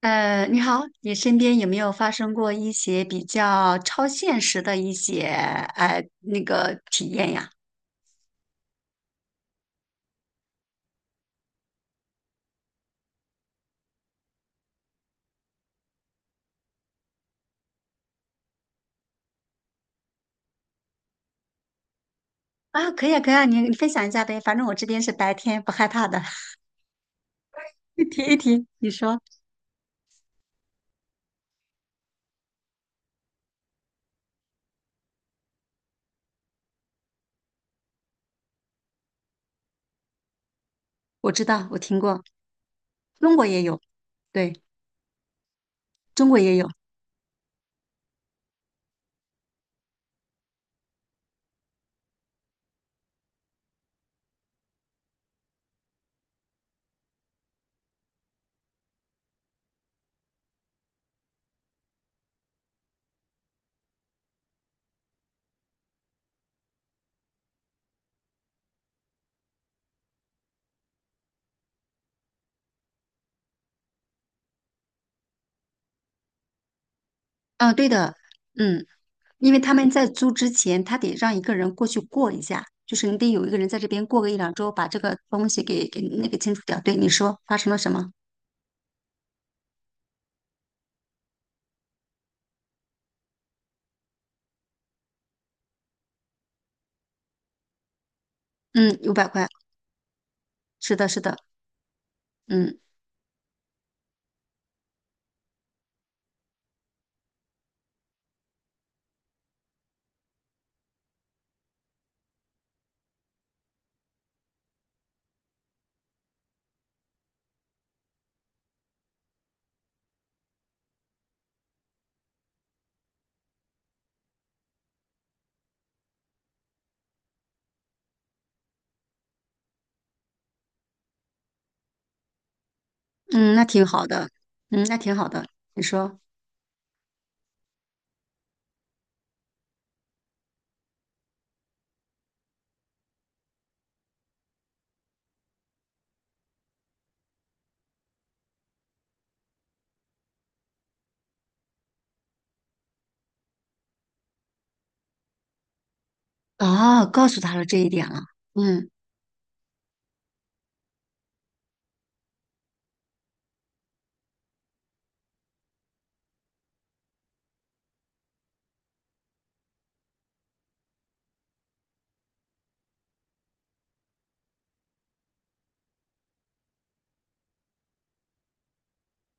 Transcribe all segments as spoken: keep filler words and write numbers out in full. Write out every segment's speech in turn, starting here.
呃，你好，你身边有没有发生过一些比较超现实的一些呃那个体验呀？啊，可以啊，可以啊，你你分享一下呗，反正我这边是白天，不害怕的，听一听。你说，我知道，我听过，中国也有，对，中国也有，嗯，对的，嗯，因为他们在租之前，他得让一个人过去过一下，就是你得有一个人在这边过个一两周，把这个东西给给那个清除掉。对，你说发生了什么？嗯，五百块，是的，是的，嗯。嗯，那挺好的，嗯，那挺好的。你说，哦，告诉他了这一点了，嗯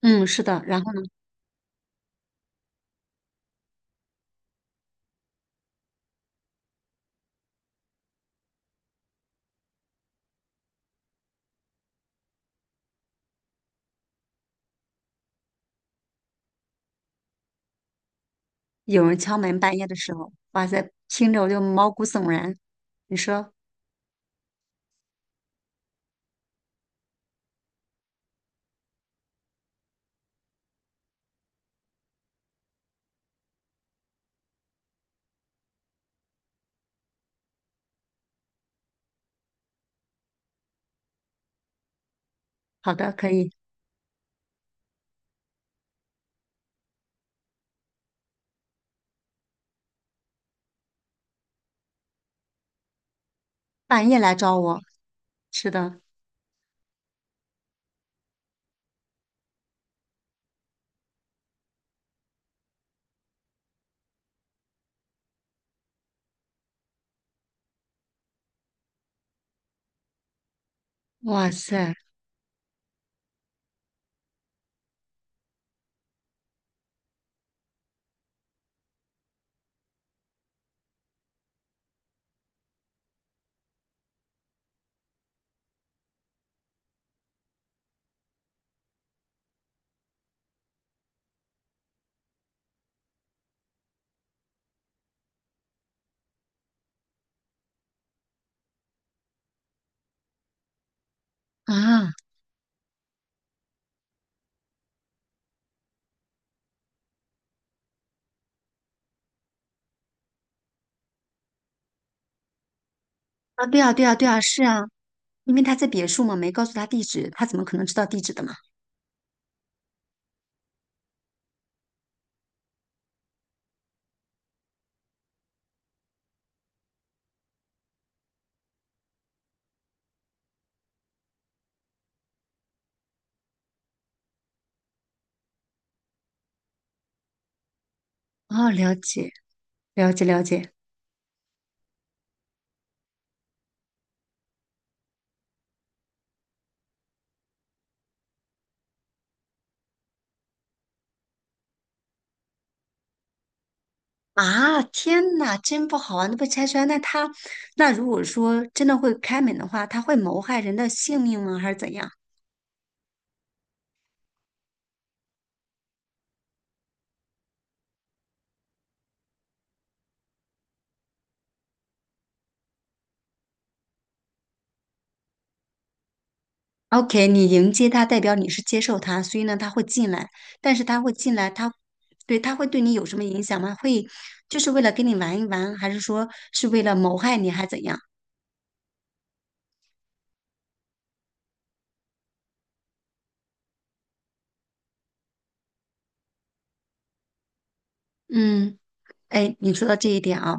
嗯，是的。然后呢有人敲门，半夜的时候，哇塞，听着我就毛骨悚然。你说，好的，可以，半夜来找我，是的，哇塞，啊啊，对啊，对啊，对啊，是啊，因为他在别墅嘛，没告诉他地址，他怎么可能知道地址的嘛？哦，了解，了解，了解。啊，天呐，真不好玩，都被拆穿，那他，那如果说真的会开门的话，他会谋害人的性命吗？还是怎样？OK,你迎接他，代表你是接受他，所以呢，他会进来，但是他会进来，他，对，他会对你有什么影响吗？会，就是为了跟你玩一玩，还是说是为了谋害你，还是怎样？嗯。哎，你说到这一点啊，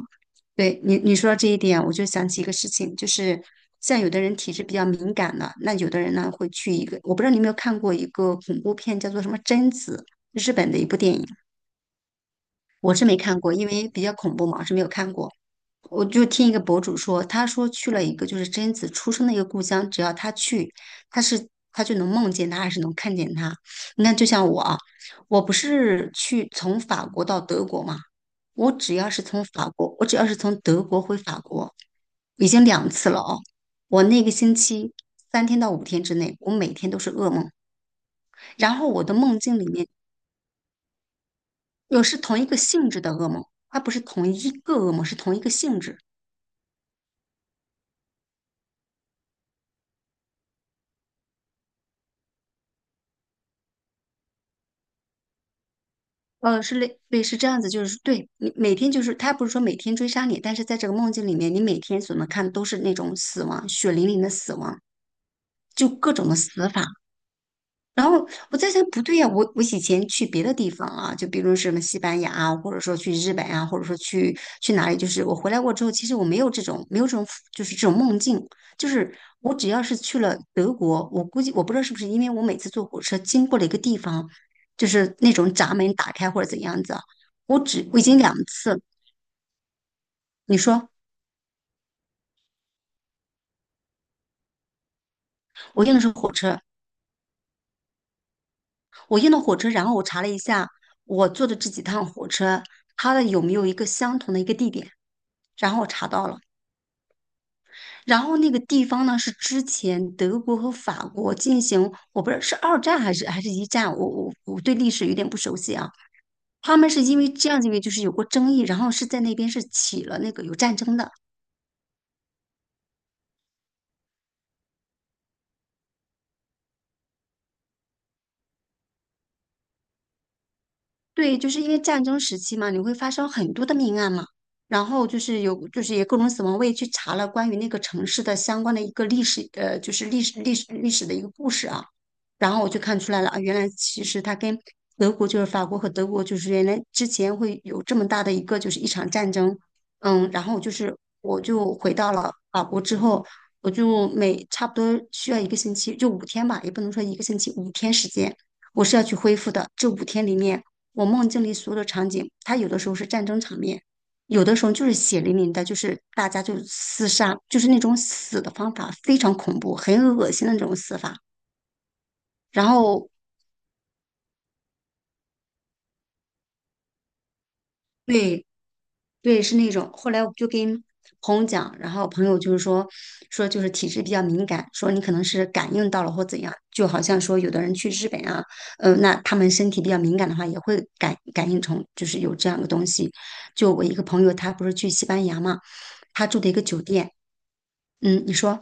对你你说到这一点，我就想起一个事情，就是像有的人体质比较敏感的，那有的人呢会去一个，我不知道你有没有看过一个恐怖片，叫做什么《贞子》，日本的一部电影，我是没看过，因为比较恐怖嘛，我是没有看过。我就听一个博主说，他说去了一个就是贞子出生的一个故乡，只要他去，他是他就能梦见他，还是能看见他。你看，就像我啊，我不是去从法国到德国嘛，我只要是从法国，我只要是从德国回法国，已经两次了哦。我那个星期三天到五天之内，我每天都是噩梦，然后我的梦境里面有是同一个性质的噩梦，它不是同一个噩梦，是同一个性质。呃，是类对，是这样子，就是对你每天就是他不是说每天追杀你，但是在这个梦境里面，你每天所能看的都是那种死亡，血淋淋的死亡，就各种的死法。然后我在想，不对呀、我我以前去别的地方啊，就比如什么西班牙啊，或者说去日本啊，或者说去去哪里，就是我回来过之后，其实我没有这种没有这种就是这种梦境，就是我只要是去了德国，我估计我不知道是不是因为我每次坐火车经过了一个地方，就是那种闸门打开或者怎样子啊，我只我已经两次，你说我用的是火车，我用的火车，然后我查了一下我坐的这几趟火车，它的有没有一个相同的一个地点，然后我查到了。然后那个地方呢，是之前德国和法国进行，我不知道是二战还是还是一战，我我我对历史有点不熟悉啊。他们是因为这样，因为就是有过争议，然后是在那边是起了那个有战争的。对，就是因为战争时期嘛，你会发生很多的命案嘛，然后就是有，就是也各种死亡。我也去查了关于那个城市的相关的一个历史，呃，就是历史历史历史的一个故事啊，然后我就看出来了啊，原来其实它跟德国就是法国和德国就是原来之前会有这么大的一个就是一场战争，嗯，然后就是我就回到了法国之后，我就每差不多需要一个星期，就五天吧，也不能说一个星期，五天时间。我是要去恢复的。这五天里面，我梦境里所有的场景，它有的时候是战争场面，有的时候就是血淋淋的，就是大家就厮杀，就是那种死的方法非常恐怖，很恶心的那种死法。然后对。对，是那种。后来我就跟朋友讲，然后朋友就是说，说就是体质比较敏感，说你可能是感应到了或怎样，就好像说有的人去日本啊，呃，那他们身体比较敏感的话，也会感感应成就是有这样的东西。就我一个朋友，他不是去西班牙嘛，他住的一个酒店，嗯，你说。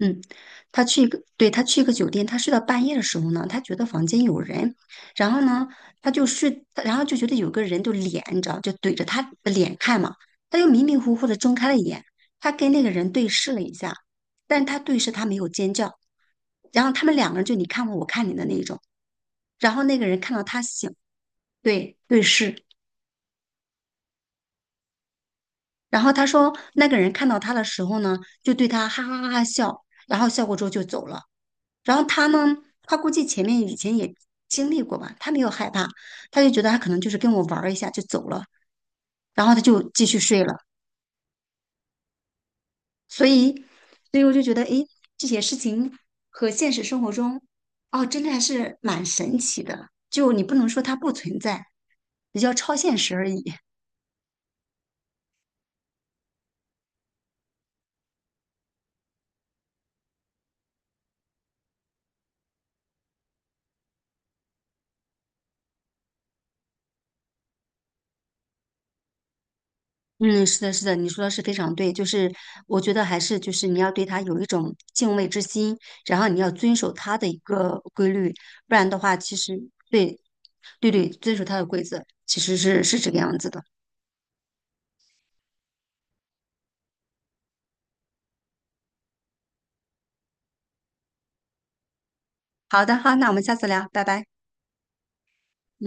嗯，他去一个，对，他去一个酒店，他睡到半夜的时候呢，他觉得房间有人，然后呢，他就睡，然后就觉得有个人就脸，你知道，就怼着他的脸看嘛，他就迷迷糊糊的睁开了眼，他跟那个人对视了一下，但是他对视他没有尖叫，然后他们两个人就你看我我看你的那种，然后那个人看到他醒，对，对视，然后他说，那个人看到他的时候呢，就对他哈哈哈哈笑，然后笑过之后就走了。然后他呢，他估计前面以前也经历过吧，他没有害怕，他就觉得他可能就是跟我玩儿一下就走了，然后他就继续睡了。所以，所以我就觉得，诶，这些事情和现实生活中，哦，真的还是蛮神奇的。就你不能说它不存在，比较超现实而已。嗯，是的，是的，你说的是非常对，就是我觉得还是就是你要对他有一种敬畏之心，然后你要遵守他的一个规律，不然的话，其实对，对对，遵守他的规则，其实是是这个样子的。好的，好，那我们下次聊，拜拜。嗯。